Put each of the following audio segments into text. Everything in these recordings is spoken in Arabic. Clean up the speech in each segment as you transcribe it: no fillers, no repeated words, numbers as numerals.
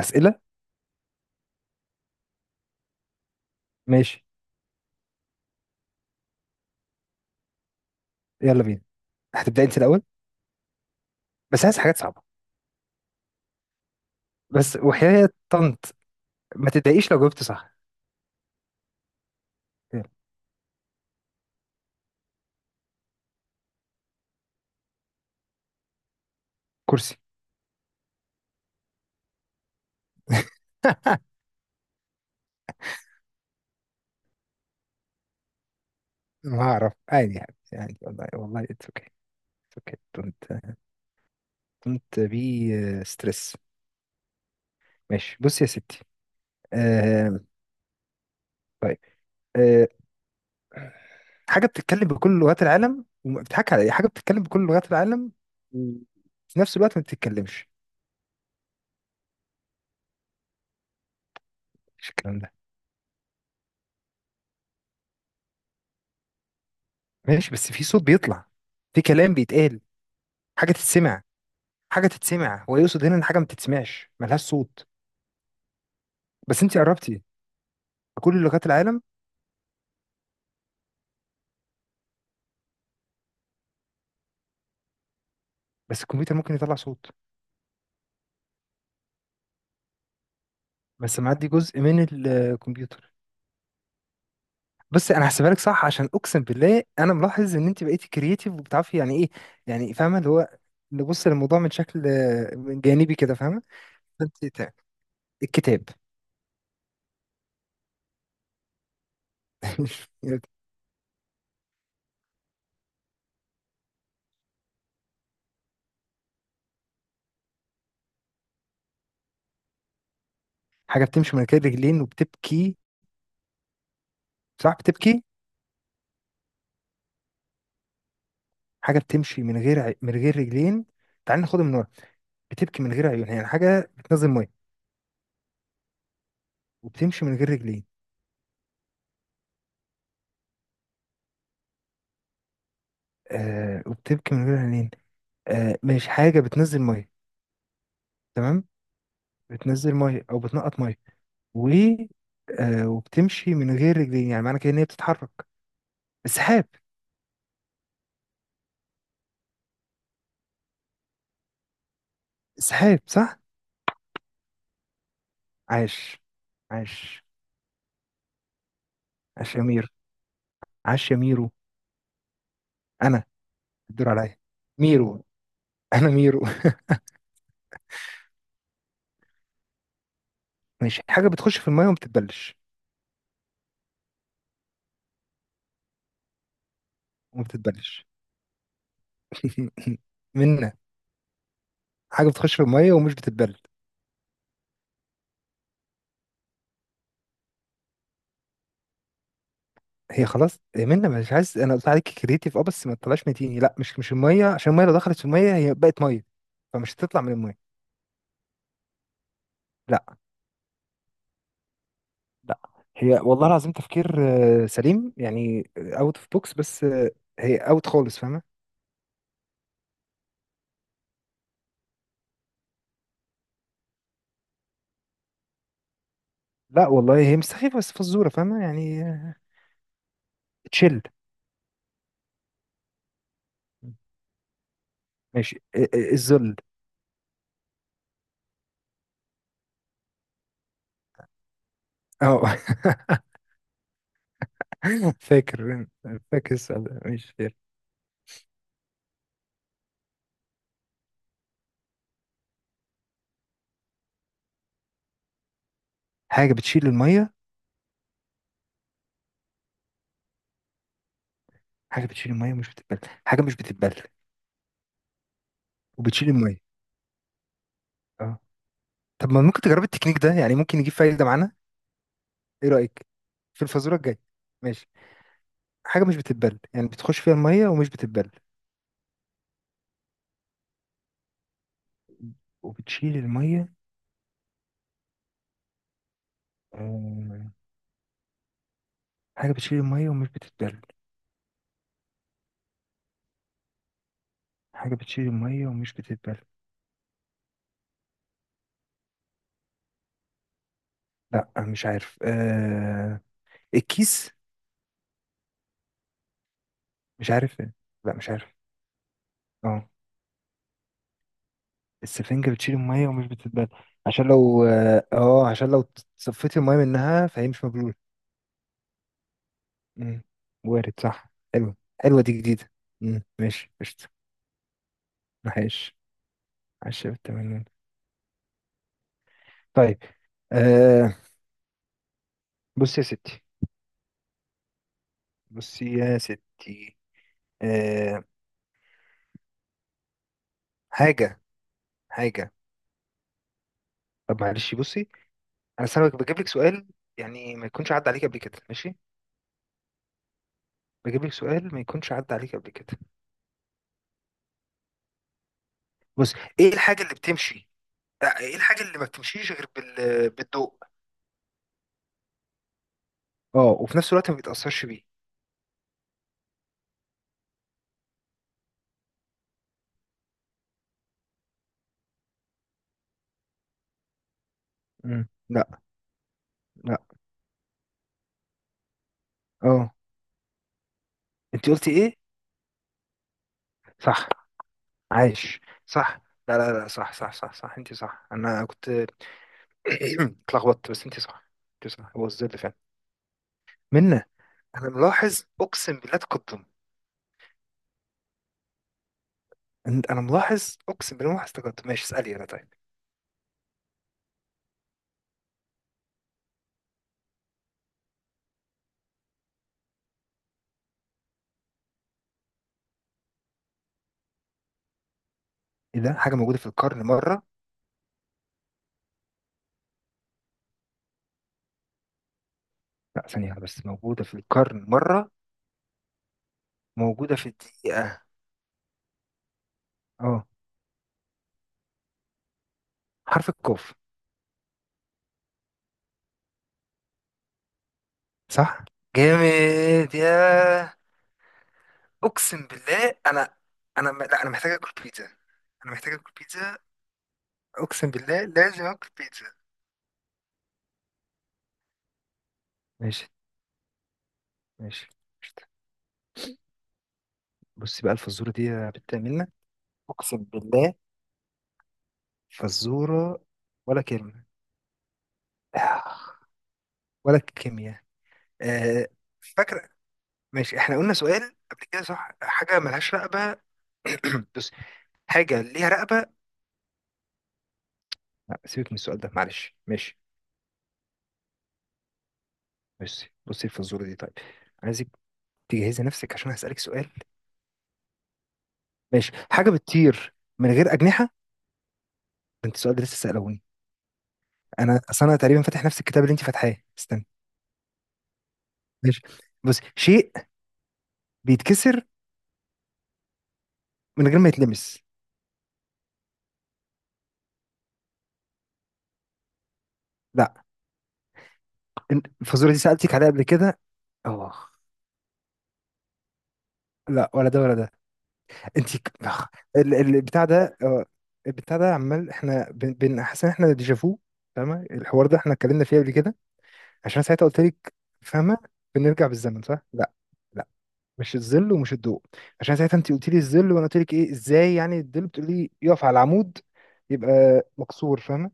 اسئله. ماشي. يلا بينا. هتبداي انت الاول. بس عايز حاجات صعبه. بس وحياه طنط. ما تضايقيش لو جاوبت صح. يلا. كرسي. ما اعرف، عادي يعني والله والله اتس اوكي. اتس اوكي، دونت بي ستريس. ماشي، بص يا ستي. آه طيب. آه حاجه بتتكلم بكل لغات العالم بتضحك على ايه. حاجه بتتكلم بكل لغات العالم وفي نفس الوقت ما بتتكلمش. مش الكلام ده. ماشي، بس في صوت بيطلع، في كلام بيتقال. حاجه تتسمع. حاجه تتسمع، هو يقصد هنا ان حاجه ما بتتسمعش، ملهاش صوت. بس انت قربتي. كل لغات العالم. بس الكمبيوتر ممكن يطلع صوت. بس معدي جزء من الكمبيوتر. بس انا هحسبها لك صح، عشان اقسم بالله انا ملاحظ ان انت بقيتي كرييتيف وبتعرفي يعني ايه، يعني فاهمه اللي هو نبص للموضوع من شكل، من جانبي كده فاهمه. فانت تع- الكتاب. حاجه بتمشي من غير رجلين وبتبكي. صح بتبكي. حاجه بتمشي من غير رجلين. تعال ناخدها من ورا. بتبكي من غير عيون، يعني حاجه بتنزل ميه وبتمشي من غير رجلين. وبتبكي من غير عينين. مش حاجة بتنزل مية. تمام. بتنزل مية أو بتنقط مية. و آه وبتمشي من غير رجلين، يعني معنى كده إن هي بتتحرك. السحاب. السحاب صح. عاش، عاش. عاش يا مير عاش يا ميرو. أنا الدور عليا ميرو. أنا ميرو. ماشي، حاجة بتخش في المية وما بتتبلش. وما بتتبلش. منا، حاجة بتخش في المية ومش بتتبلش. هي خلاص منا، مش عايز. انا قلت عليك كريتيف، اه بس ما تطلعش متيني. لا، مش الميه، عشان الميه لو دخلت في الميه هي بقت ميه، فمش هتطلع من الميه. لا، لا. هي والله العظيم تفكير، سليم، يعني اوت اوف بوكس، بس آه، هي اوت خالص فاهمه. لا والله هي مش سخيفه، بس فزوره فاهمه يعني. تشيل. ماشي. الذل. اه. فاكر. فاكر السؤال ده، ماشي فاكر. حاجه بتشيل الميه. حاجه بتشيل الميه مش بتتبل. حاجه مش بتتبل. وبتشيل الميه آه. طب ما ممكن تجرب التكنيك ده، يعني ممكن يجيب فايدة معانا. ايه رأيك في الفازورة الجاية؟ ماشي، حاجة مش بتتبل يعني بتخش فيها المية ومش بتتبل وبتشيل المية آه، حاجة بتشيل المية ومش بتتبل. حاجة بتشيل المية ومش بتتبل. لا مش عارف. الكيس. مش عارف. لا مش عارف. اه، السفنجة بتشيل المية ومش بتتبل. عشان لو صفيت المية منها فهي مش مبلولة. مم. وارد، صح. حلوة، حلوة دي جديدة. مم. ماشي، قشطة. ماشي. عشرة بالتمانين. طيب. آه بصي يا ستي. بصي يا ستي. آه حاجة. حاجة. طب معلش بصي، أنا أصل أنا بجيب لك سؤال، يعني ما يكونش عدى عليك قبل كده، ماشي. بجيب لك سؤال ما يكونش عدى عليك قبل كده. بص، إيه الحاجة اللي بتمشي؟ إيه الحاجة اللي ما بتمشيش غير بال... بالضوء؟ وفي نفس الوقت ما بيتأثرش بيه. مم. لا. لا. أه. أنت قلتي إيه؟ صح. عايش. صح. لا، لا، لا، صح، صح، صح، صح، أنت صح. أنا كنت اتلخبطت، بس انت صح. انت صح، هو الظل فعلا. منا، انا ملاحظ اقسم بالله تقدم. انا ملاحظ اقسم بالله، ملاحظ تقدم، ماشي اسالي انا، طيب. ايه ده، حاجه موجوده في القرن مره؟ لا ثانيه واحدة، بس موجوده في القرن مره. موجوده في الدقيقه. اه، حرف القاف. صح جامد يا. اقسم بالله، انا لا انا محتاج اكل بيتزا. انا محتاج اكل بيتزا. اقسم بالله لازم اكل بيتزا. ماشي. ماشي، قشطة. بصي بقى الفزوره دي يا بت منا، اقسم بالله فزورة، ولا كلمة ولا كيمياء آه، فاكرة، ماشي احنا قلنا سؤال قبل كده، صح؟ حاجة ملهاش رقبة. بص، حاجة ليها رقبة، لا سيبك من السؤال ده معلش، ماشي. بصي، بصي الفزورة دي طيب، عايزك تجهزي نفسك عشان هسألك سؤال. ماشي، حاجة بتطير من غير أجنحة. ده انت السؤال ده لسه سألوني، انا اصل انا تقريبا فاتح نفس الكتاب اللي انت فاتحاه، استنى. ماشي، بصي شيء بيتكسر من غير ما يتلمس. لا. الفزورة دي سألتك عليها قبل كده، اه. لا، ولا ده ولا ده. انت ك- آخ. البتاع ده. البتاع ده عمال، احنا حاسس ان احنا ديجافو. فاهمه الحوار ده احنا اتكلمنا فيه قبل كده. عشان ساعتها قلت لك فاهمه بنرجع بالزمن، صح؟ لا. لا، مش الظل ومش الضوء، عشان ساعتها انت قلت لي الظل وانا قلت لك ايه، ازاي يعني الظل بتقول لي يقف على العمود يبقى مكسور فاهمه.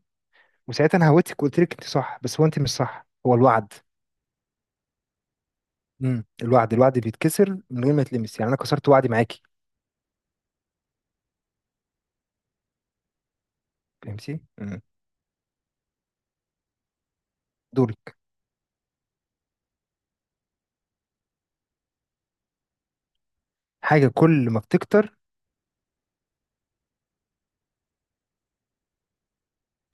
وساعتها انا هوتك وقلت لك انت صح، بس هو انت مش صح، هو الوعد. الوعد بيتكسر من غير ما يتلمس، يعني انا كسرت وعدي معاكي. فهمتي. دورك. حاجة كل ما بتكتر،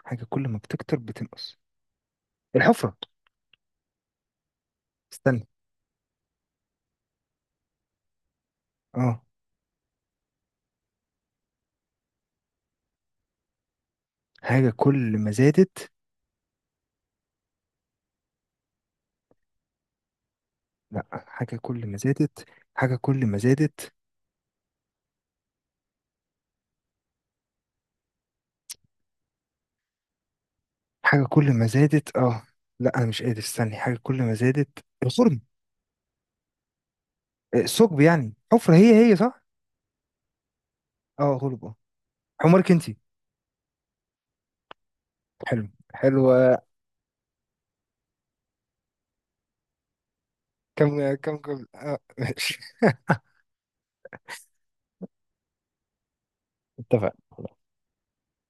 حاجة كل ما بتكتر بتنقص. الحفرة. استنى، اه. حاجة كل ما زادت. لا، حاجة كل ما زادت. حاجة كل ما زادت. حاجة كل ما زادت، اه. لا أنا مش قادر استني. حاجة كل ما زادت الخرم. الثقب يعني حفرة، هي صح؟ اه غلب اه. حمارك انتي. حلو. حلوة. كم اه ماشي. اتفقنا.